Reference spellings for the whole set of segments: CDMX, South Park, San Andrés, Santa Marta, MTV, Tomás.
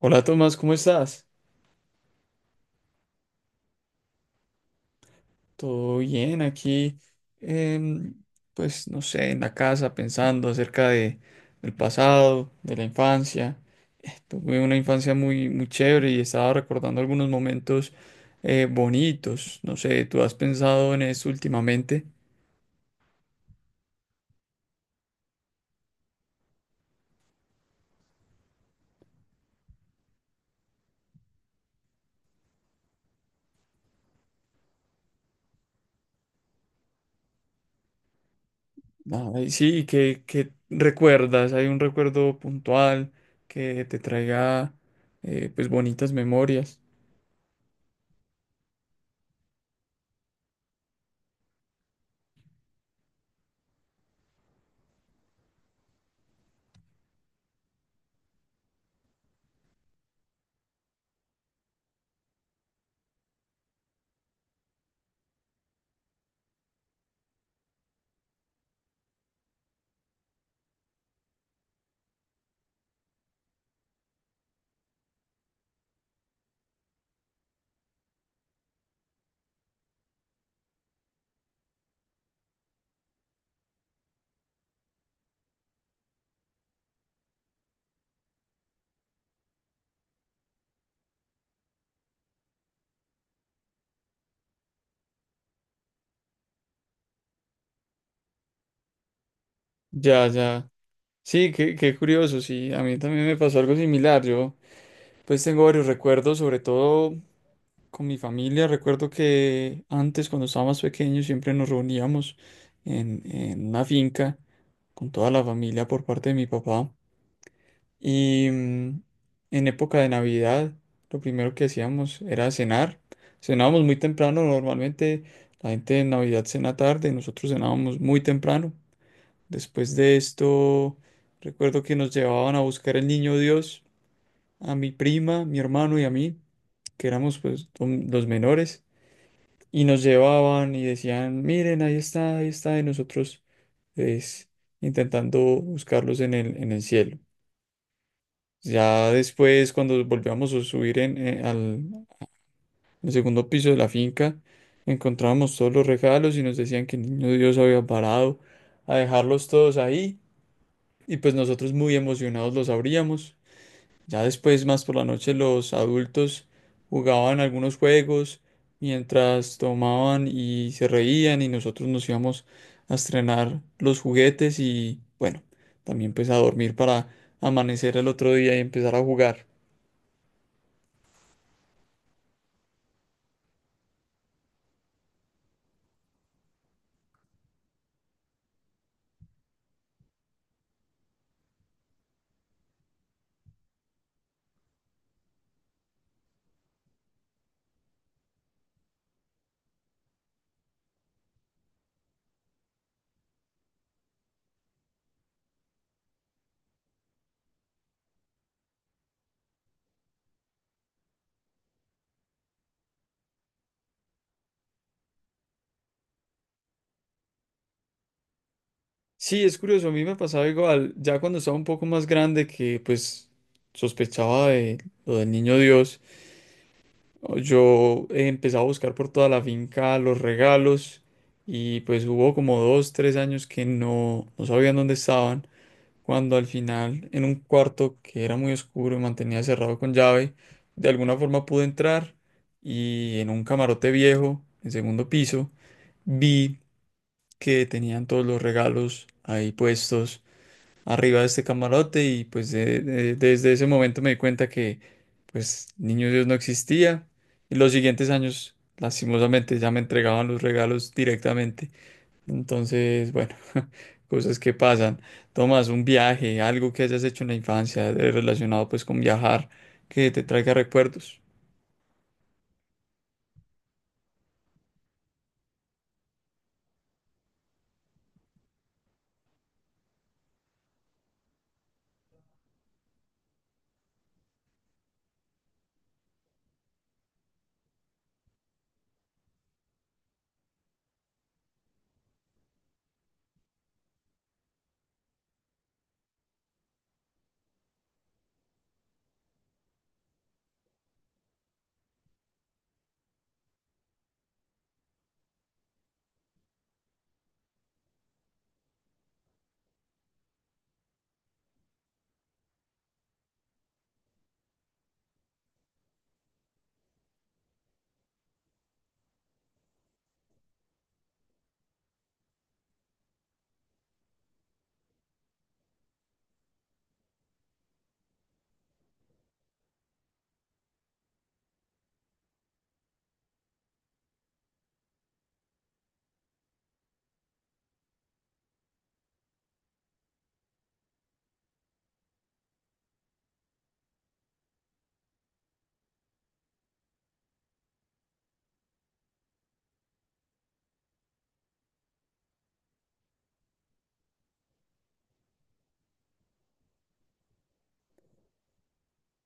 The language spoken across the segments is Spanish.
Hola Tomás, ¿cómo estás? ¿Todo bien aquí? em, pues no sé, en la casa pensando acerca del pasado, de la infancia. Tuve una infancia muy, muy chévere y estaba recordando algunos momentos bonitos. No sé, ¿tú has pensado en eso últimamente? Ay, sí, ¿qué recuerdas? ¿Hay un recuerdo puntual que te traiga pues bonitas memorias? Ya, ya. Sí, qué curioso, sí, a mí también me pasó algo similar. Yo pues tengo varios recuerdos, sobre todo con mi familia. Recuerdo que antes, cuando estaba más pequeño, siempre nos reuníamos en una finca con toda la familia por parte de mi papá. Y en época de Navidad, lo primero que hacíamos era cenar. Cenábamos muy temprano, normalmente la gente en Navidad cena tarde, nosotros cenábamos muy temprano. Después de esto, recuerdo que nos llevaban a buscar el niño Dios a mi prima, mi hermano y a mí, que éramos pues los menores, y nos llevaban y decían, miren, ahí está, y nosotros pues intentando buscarlos en el cielo. Ya después, cuando volvíamos a subir al segundo piso de la finca, encontrábamos todos los regalos y nos decían que el niño Dios había parado a dejarlos todos ahí y pues nosotros muy emocionados los abríamos. Ya después, más por la noche, los adultos jugaban algunos juegos mientras tomaban y se reían y nosotros nos íbamos a estrenar los juguetes y bueno, también pues a dormir para amanecer el otro día y empezar a jugar. Sí, es curioso, a mí me pasaba igual, ya cuando estaba un poco más grande que pues sospechaba de lo del niño Dios. No, yo he empezado a buscar por toda la finca los regalos y pues hubo como dos, tres años que no, no sabían dónde estaban, cuando al final en un cuarto que era muy oscuro y mantenía cerrado con llave, de alguna forma pude entrar y en un camarote viejo, en segundo piso, vi que tenían todos los regalos ahí puestos arriba de este camarote y pues desde ese momento me di cuenta que pues Niño Dios no existía y los siguientes años lastimosamente ya me entregaban los regalos directamente. Entonces, bueno, cosas que pasan. Tomas un viaje, algo que hayas hecho en la infancia relacionado pues con viajar que te traiga recuerdos.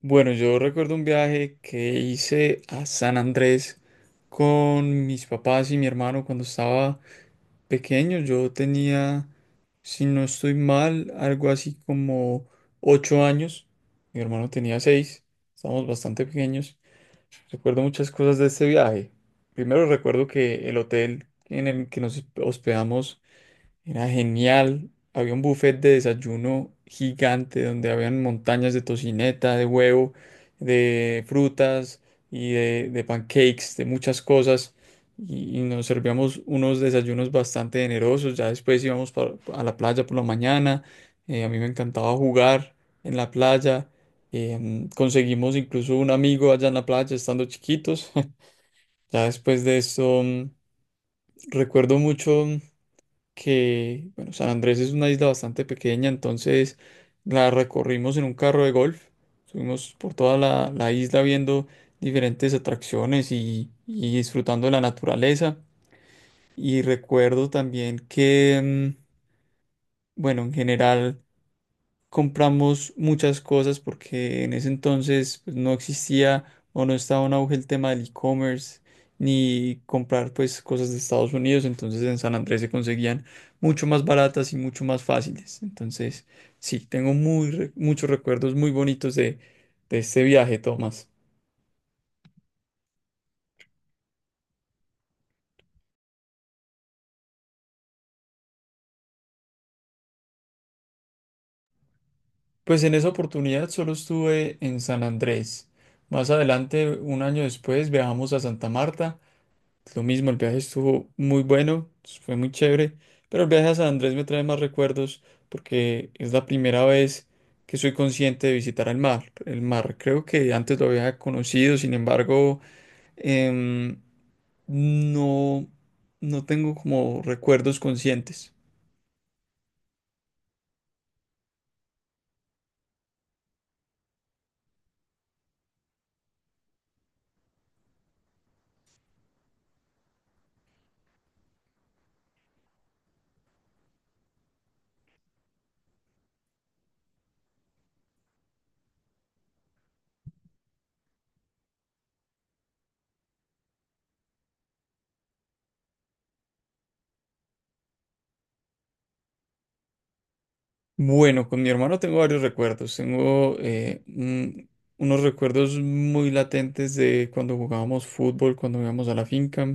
Bueno, yo recuerdo un viaje que hice a San Andrés con mis papás y mi hermano cuando estaba pequeño, yo tenía, si no estoy mal, algo así como 8 años. Mi hermano tenía 6. Estábamos bastante pequeños. Recuerdo muchas cosas de este viaje. Primero recuerdo que el hotel en el que nos hospedamos era genial. Había un buffet de desayuno gigante donde habían montañas de tocineta, de huevo, de frutas y de pancakes, de muchas cosas. Y nos servíamos unos desayunos bastante generosos. Ya después íbamos a la playa por la mañana. A mí me encantaba jugar en la playa. Conseguimos incluso un amigo allá en la playa estando chiquitos. Ya después de eso, recuerdo mucho que, bueno, San Andrés es una isla bastante pequeña, entonces la recorrimos en un carro de golf, subimos por toda la isla viendo diferentes atracciones y disfrutando de la naturaleza. Y recuerdo también que, bueno, en general compramos muchas cosas porque en ese entonces pues, no existía o no estaba en auge el tema del e-commerce ni comprar pues cosas de Estados Unidos, entonces en San Andrés se conseguían mucho más baratas y mucho más fáciles. Entonces, sí, tengo muy muchos recuerdos muy bonitos de este viaje, Tomás. Pues en esa oportunidad solo estuve en San Andrés. Más adelante, un año después, viajamos a Santa Marta. Lo mismo, el viaje estuvo muy bueno, fue muy chévere, pero el viaje a San Andrés me trae más recuerdos porque es la primera vez que soy consciente de visitar el mar. El mar creo que antes lo había conocido, sin embargo, em, no, no tengo como recuerdos conscientes. Bueno, con mi hermano tengo varios recuerdos. Tengo unos recuerdos muy latentes de cuando jugábamos fútbol, cuando íbamos a la finca.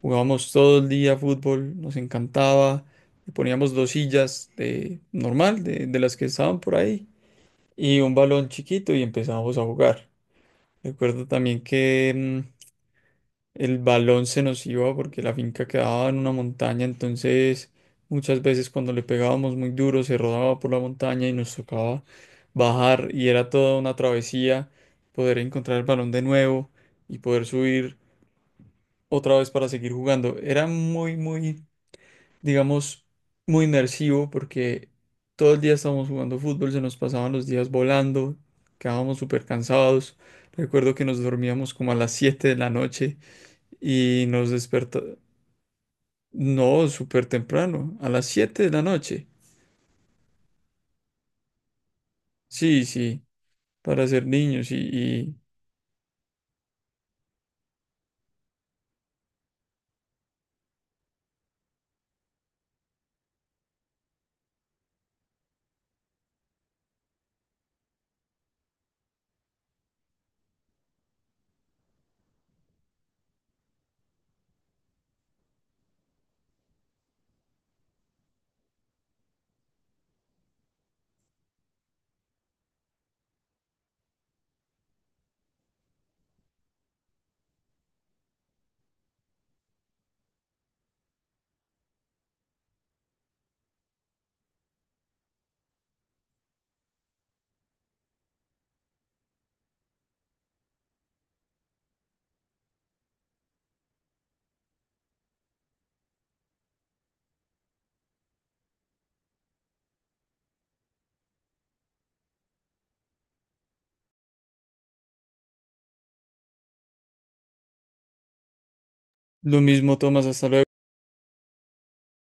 Jugábamos todo el día fútbol, nos encantaba. Le poníamos dos sillas de normal, de las que estaban por ahí, y un balón chiquito y empezábamos a jugar. Recuerdo también que el balón se nos iba porque la finca quedaba en una montaña, entonces muchas veces cuando le pegábamos muy duro se rodaba por la montaña y nos tocaba bajar y era toda una travesía poder encontrar el balón de nuevo y poder subir otra vez para seguir jugando. Era muy, muy digamos, muy inmersivo porque todo el día estábamos jugando fútbol, se nos pasaban los días volando, quedábamos súper cansados. Recuerdo que nos dormíamos como a las 7 de la noche y nos despertó, no, súper temprano, a las 7 de la noche. Sí, sí, para ser niños y lo mismo Tomás, hasta luego.